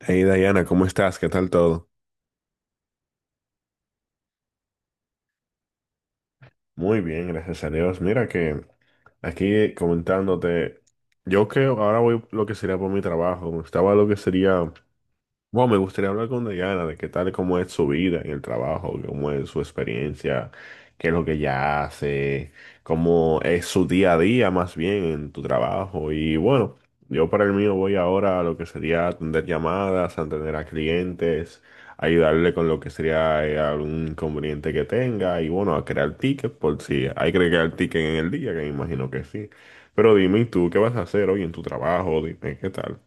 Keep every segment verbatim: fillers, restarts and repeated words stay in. Hey Diana, ¿cómo estás? ¿Qué tal todo? Muy bien, gracias a Dios. Mira que aquí comentándote, yo que ahora voy lo que sería por mi trabajo, estaba lo que sería. Bueno, me gustaría hablar con Diana de qué tal, cómo es su vida en el trabajo, cómo es su experiencia, qué es lo que ella hace, cómo es su día a día más bien en tu trabajo. Y bueno, yo para el mío voy ahora a lo que sería atender llamadas, atender a clientes, ayudarle con lo que sería eh, algún inconveniente que tenga y bueno, a crear tickets por si hay que crear tickets en el día, que me imagino que sí. Pero dime, ¿y tú, qué vas a hacer hoy en tu trabajo? Dime, ¿qué tal?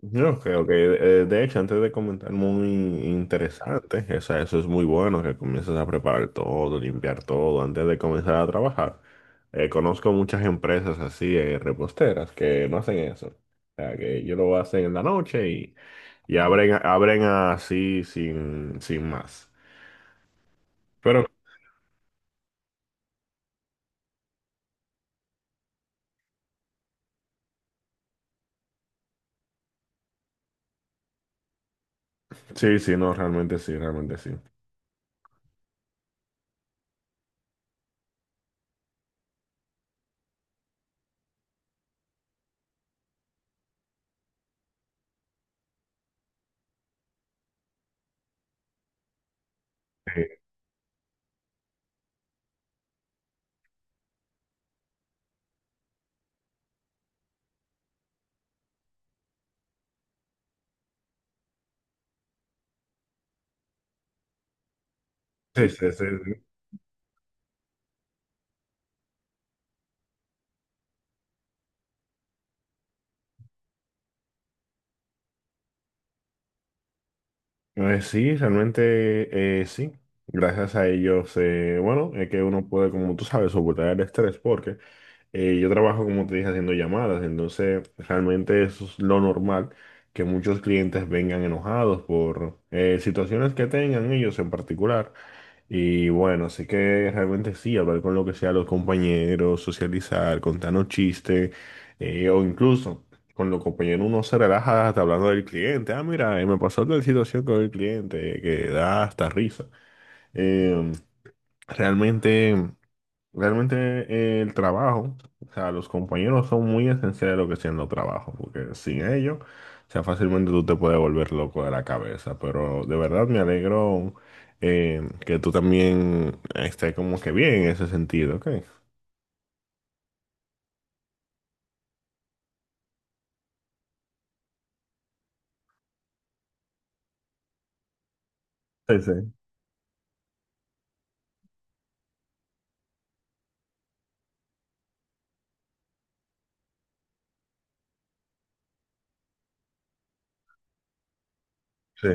Ok, ok. Eh, De hecho, antes de comentar, muy interesante. O sea, eso es muy bueno, que comiences a preparar todo, limpiar todo antes de comenzar a trabajar. Eh, conozco muchas empresas así, eh, reposteras, que no hacen eso. O sea, que ellos lo hacen en la noche y, y abren, abren así sin, sin más. Pero sí, sí, no, realmente sí, realmente sí. Sí, sí, sí, sí. Eh, sí, realmente eh, sí. Gracias a ellos, eh, bueno, es que uno puede, como tú sabes, soportar el estrés porque eh, yo trabajo, como te dije, haciendo llamadas, entonces realmente eso es lo normal, que muchos clientes vengan enojados por eh, situaciones que tengan ellos en particular. Y bueno, así que realmente sí, hablar con lo que sea los compañeros, socializar, contarnos chistes, eh, o incluso con los compañeros uno se relaja hasta hablando del cliente. Ah, mira, eh, me pasó tal situación con el cliente, que da hasta risa. Eh, realmente. Realmente eh, el trabajo, o sea, los compañeros son muy esenciales lo que siendo trabajo, porque sin ellos, o sea, fácilmente tú te puedes volver loco de la cabeza, pero de verdad me alegro eh, que tú también estés como que bien en ese sentido, ¿ok? Sí, sí, sí.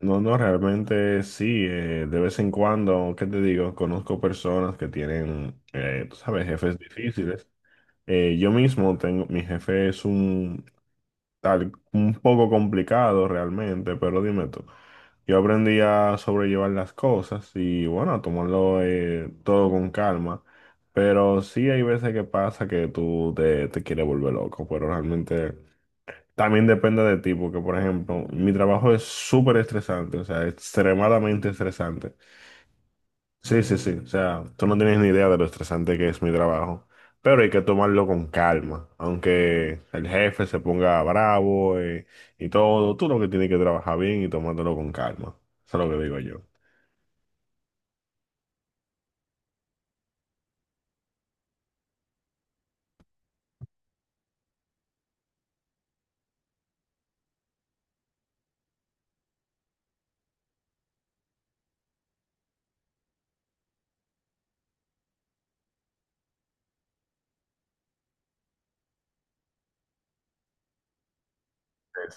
No, no, realmente sí, eh, de vez en cuando, ¿qué te digo? Conozco personas que tienen, eh, tú sabes, jefes difíciles. Eh, yo mismo tengo, mi jefe es un al- un poco complicado realmente, pero dime tú. Yo aprendí a sobrellevar las cosas y bueno, a tomarlo eh, todo con calma, pero sí hay veces que pasa que tú te, te quieres volver loco, pero realmente también depende de ti, porque por ejemplo, mi trabajo es súper estresante, o sea, extremadamente estresante. Sí, sí, sí. O sea, tú no tienes ni idea de lo estresante que es mi trabajo. Pero hay que tomarlo con calma. Aunque el jefe se ponga bravo, eh, y, todo, tú lo que tienes que trabajar bien y tomártelo con calma. Eso es lo que digo yo.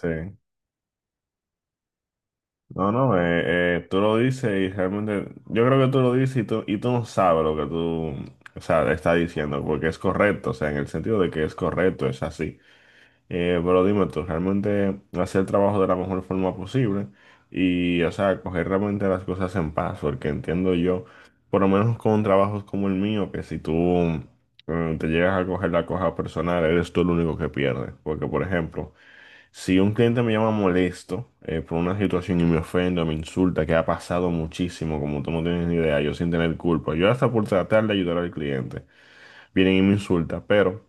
Sí, sí. No, no, eh, eh, tú lo dices y realmente, yo creo que tú lo dices y tú, y tú no sabes lo que tú, o sea, estás diciendo, porque es correcto, o sea, en el sentido de que es correcto, es así. Eh, pero dime tú, realmente hacer el trabajo de la mejor forma posible y, o sea, coger realmente las cosas en paz, porque entiendo yo, por lo menos con trabajos como el mío, que si tú eh, te llegas a coger la cosa personal, eres tú el único que pierde. Porque, por ejemplo, si un cliente me llama molesto eh, por una situación y me ofende o me insulta, que ha pasado muchísimo, como tú no tienes ni idea, yo sin tener culpa, yo hasta por tratar de ayudar al cliente vienen y me insulta, pero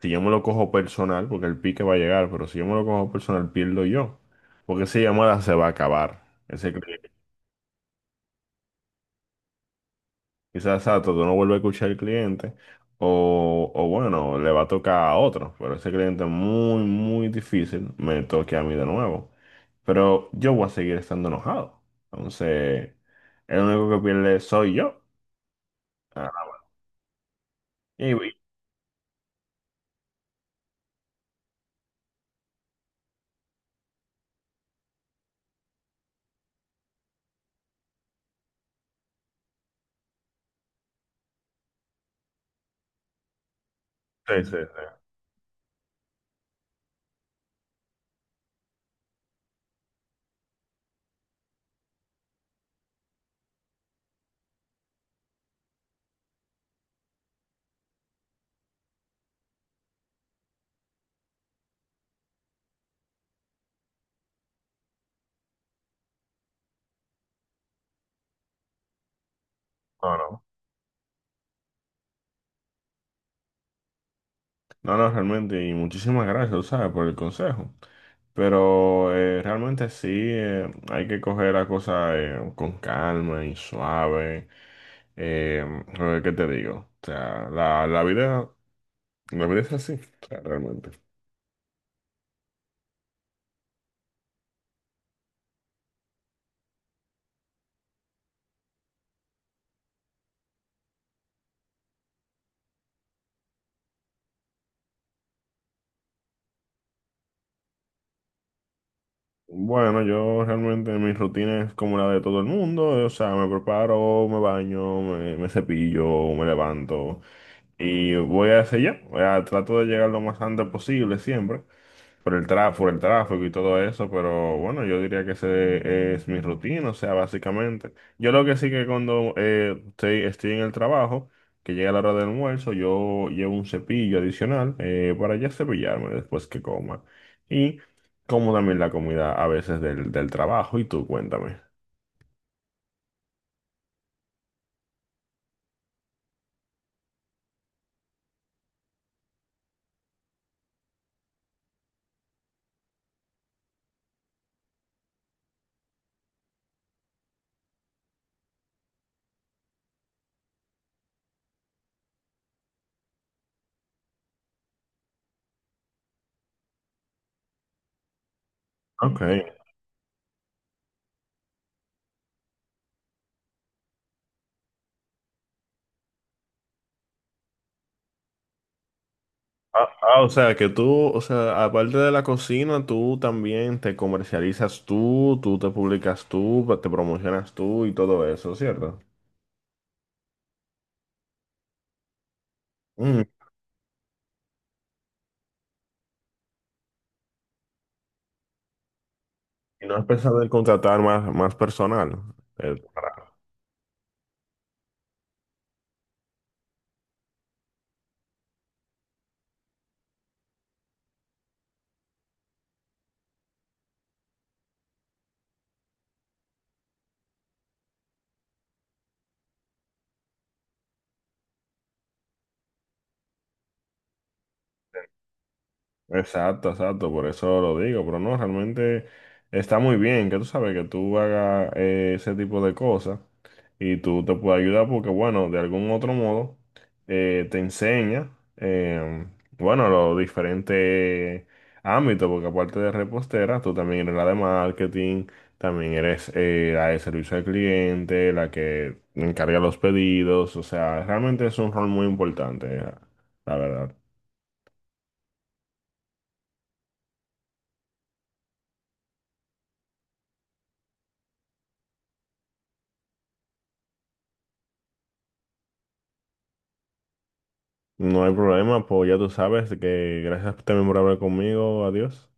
si yo me lo cojo personal, porque el pique va a llegar, pero si yo me lo cojo personal, pierdo yo, porque esa llamada se va a acabar. Ese cliente, quizás exacto, tú no vuelves a escuchar al cliente, o, o bueno, le va a tocar a otro, pero ese cliente muy, muy difícil me toque a mí de nuevo. Pero yo voy a seguir estando enojado. Entonces, el único que pierde soy yo. Ah, y, y- sí, sí, sí. No, no. No, no, realmente, y muchísimas gracias, tú ¿sabes? Por el consejo. Pero eh, realmente sí, eh, hay que coger las cosas eh, con calma y suave. Eh, a ver, ¿qué te digo? O sea, la, la vida, la vida es así, o sea, realmente. Bueno, yo realmente mi rutina es como la de todo el mundo, o sea, me preparo, me baño, me, me cepillo, me levanto y voy a hacer ya, o sea, trato de llegar lo más antes posible siempre. Por el tra- por el tráfico y todo eso, pero bueno, yo diría que ese es mi rutina, o sea, básicamente. Yo lo que sí que cuando eh, estoy, estoy en el trabajo, que llega la hora del almuerzo, yo llevo un cepillo adicional eh, para ya cepillarme después que coma. Y como también la comida a veces del, del trabajo, y tú cuéntame. Ok. Ah, ah, o sea, que tú, o sea, aparte de la cocina, tú también te comercializas tú, tú te publicas tú, te promocionas tú y todo eso, ¿cierto? Mm. ¿Y no has pensado en contratar más, más personal? Eh. Exacto, exacto, por eso lo digo, pero no, realmente está muy bien que tú sabes que tú hagas eh, ese tipo de cosas y tú te puedes ayudar porque, bueno, de algún otro modo eh, te enseña, eh, bueno, los diferentes ámbitos, porque aparte de repostera, tú también eres la de marketing, también eres eh, la de servicio al cliente, la que encarga los pedidos, o sea, realmente es un rol muy importante, eh, la verdad. No hay problema, pues ya tú sabes que gracias también por hablar conmigo. Adiós.